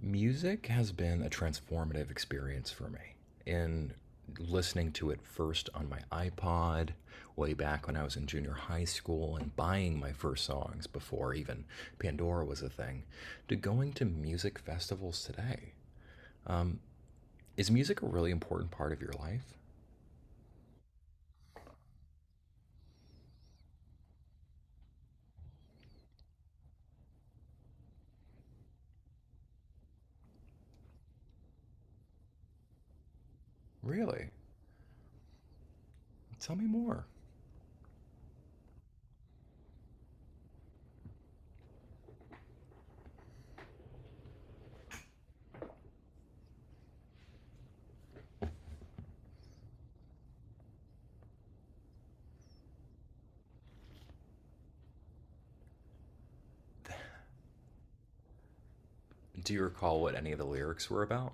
Music has been a transformative experience for me in listening to it first on my iPod way back when I was in junior high school and buying my first songs before even Pandora was a thing to going to music festivals today. Is music a really important part of your life? Really? Tell me more. Do you recall what any of the lyrics were about?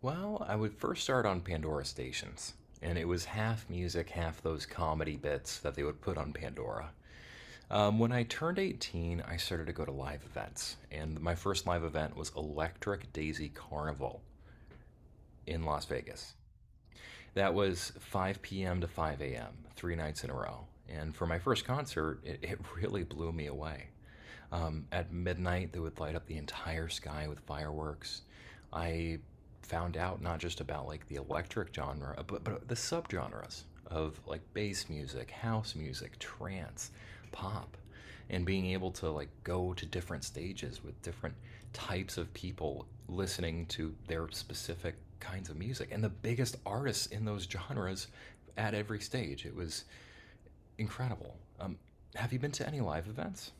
Well, I would first start on Pandora stations, and it was half music, half those comedy bits that they would put on Pandora. When I turned 18, I started to go to live events, and my first live event was Electric Daisy Carnival in Las Vegas. That was 5 p.m. to 5 a.m., three nights in a row. And for my first concert, it really blew me away. At midnight, they would light up the entire sky with fireworks. I found out not just about like the electric genre, but the subgenres of like bass music, house music, trance, pop, and being able to like go to different stages with different types of people listening to their specific kinds of music and the biggest artists in those genres at every stage. It was incredible. Have you been to any live events?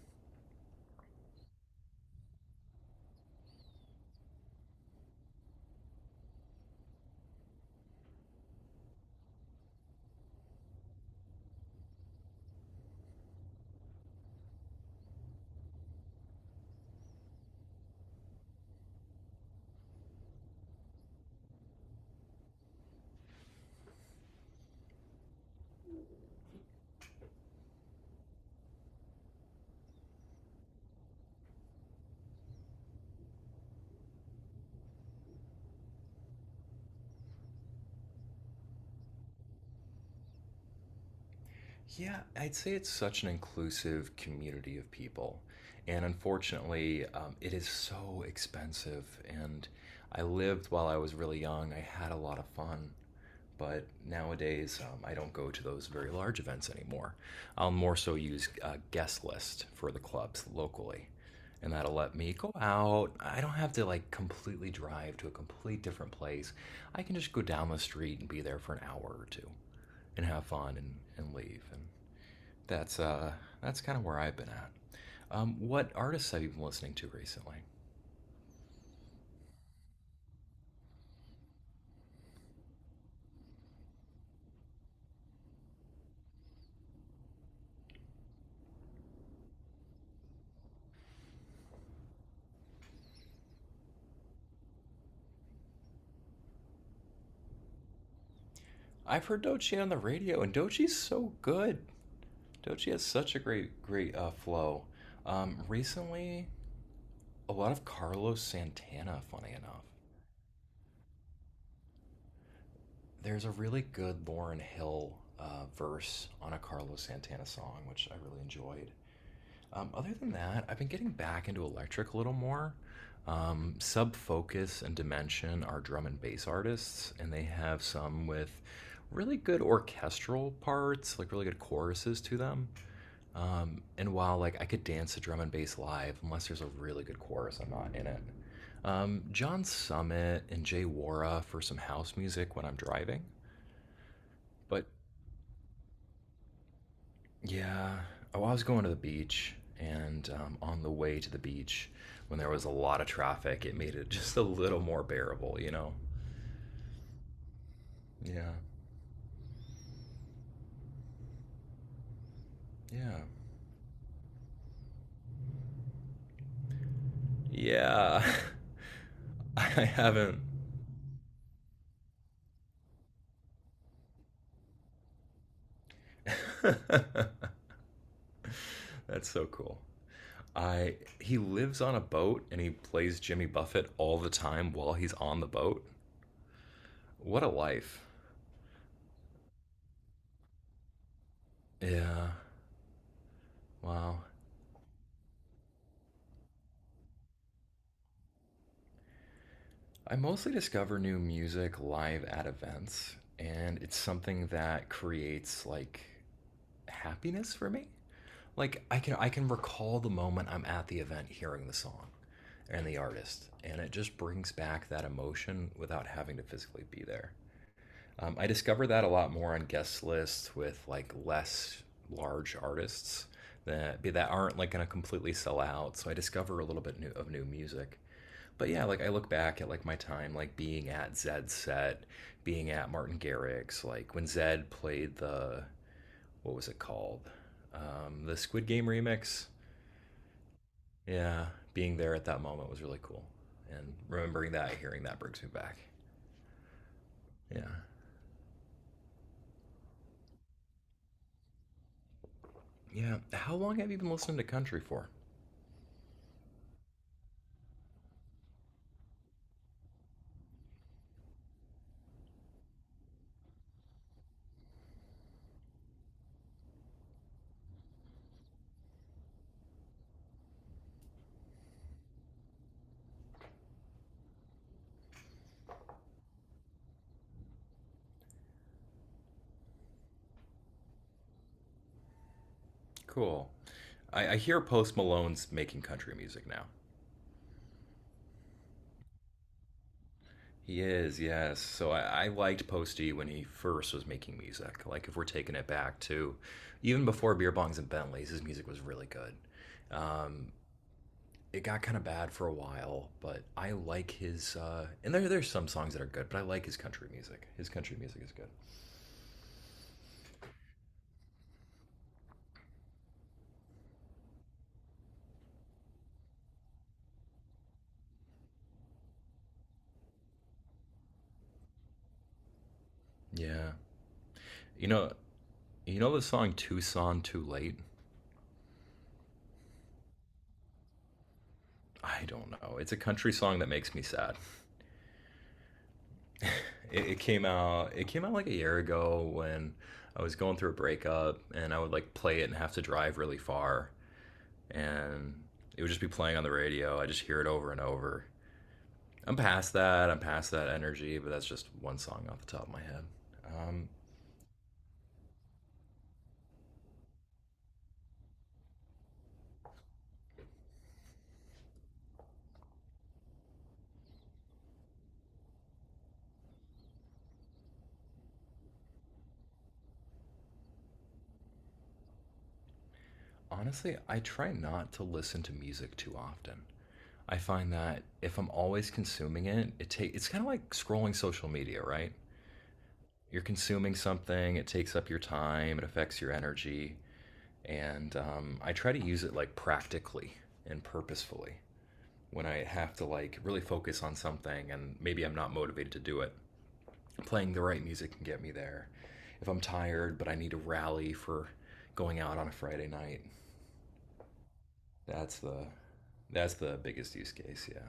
Yeah, I'd say it's such an inclusive community of people. And unfortunately, it is so expensive. And I lived while I was really young, I had a lot of fun. But nowadays, I don't go to those very large events anymore. I'll more so use a guest list for the clubs locally. And that'll let me go out. I don't have to like completely drive to a complete different place. I can just go down the street and be there for an hour or two and have fun and leave. And that's that's kind of where I've been at. What artists have you been listening to recently? I've heard Dochi on the radio, and Dochi's so good. Dochi has such a great flow. Recently, a lot of Carlos Santana. Funny enough, there's a really good Lauren Hill verse on a Carlos Santana song, which I really enjoyed. Other than that, I've been getting back into electric a little more. Sub Focus and Dimension are drum and bass artists, and they have some with really good orchestral parts, like really good choruses to them. And while like I could dance to drum and bass live, unless there's a really good chorus, I'm not in it. John Summit and Jay Wara for some house music when I'm driving. But yeah. Oh, I was going to the beach, and on the way to the beach, when there was a lot of traffic, it made it just a little more bearable? Yeah. Yeah. Yeah. I haven't. That's so cool. I he lives on a boat and he plays Jimmy Buffett all the time while he's on the boat. What a life. Yeah. Wow. I mostly discover new music live at events, and it's something that creates like happiness for me. Like I can recall the moment I'm at the event hearing the song and the artist, and it just brings back that emotion without having to physically be there. I discover that a lot more on guest lists with like less large artists that aren't like going to completely sell out. So I discover a little bit new, of new music but yeah, like I look back at like my time, like being at Zed's set, being at Martin Garrix, like when Zed played the what was it called, the Squid Game remix. Yeah, being there at that moment was really cool, and remembering that, hearing that brings me back. Yeah, yeah. How long have you been listening to country for? Cool. I hear Post Malone's making country music now. He is, yes. So I liked Posty when he first was making music. Like if we're taking it back to even before beer bongs and Bentleys, his music was really good. Um, it got kind of bad for a while, but I like his. And there's some songs that are good, but I like his country music. His country music is good. Yeah, you know, you know the song "Tucson Too Late." I don't know. It's a country song that makes me sad. It came out like a year ago when I was going through a breakup, and I would like play it and have to drive really far, and it would just be playing on the radio. I just hear it over and over. I'm past that. I'm past that energy, but that's just one song off the top of my head. Um, honestly, I try not to listen to music too often. I find that if I'm always consuming it, it take it's kind of like scrolling social media, right? You're consuming something, it takes up your time, it affects your energy. And I try to use it like practically and purposefully when I have to like really focus on something and maybe I'm not motivated to do it. Playing the right music can get me there. If I'm tired but I need to rally for going out on a Friday night, that's the that's the biggest use case, yeah.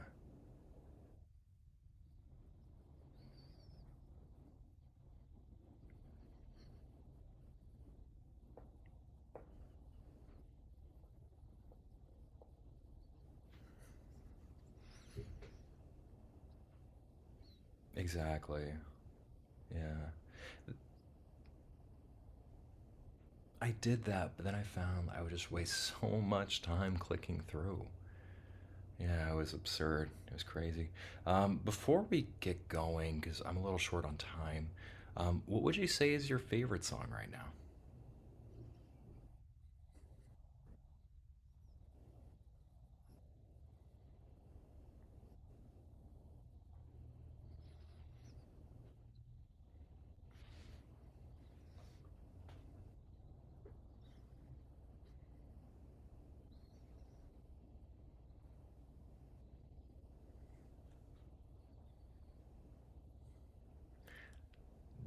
Exactly. Yeah. I did that, but then I found I would just waste so much time clicking through. Yeah, it was absurd. It was crazy. Before we get going, because I'm a little short on time, what would you say is your favorite song right now?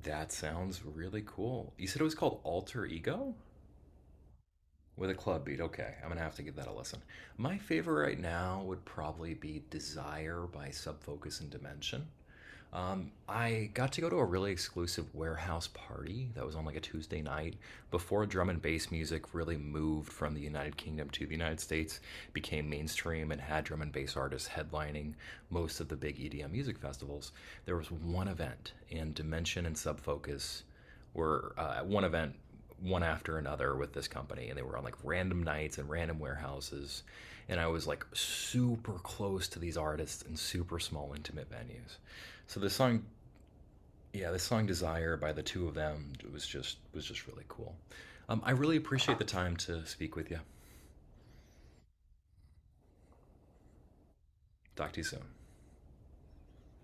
That sounds really cool. You said it was called Alter Ego with a club beat. Okay, I'm gonna have to give that a listen. My favorite right now would probably be Desire by Sub Focus and Dimension. I got to go to a really exclusive warehouse party that was on like a Tuesday night before drum and bass music really moved from the United Kingdom to the United States, became mainstream, and had drum and bass artists headlining most of the big EDM music festivals. There was one event, and Dimension and Sub Focus were at one event, one after another with this company, and they were on like random nights and random warehouses. And I was like super close to these artists in super small, intimate venues. So the song, yeah, the song "Desire" by the two of them was just really cool. I really appreciate the time to speak with you. Talk to you soon.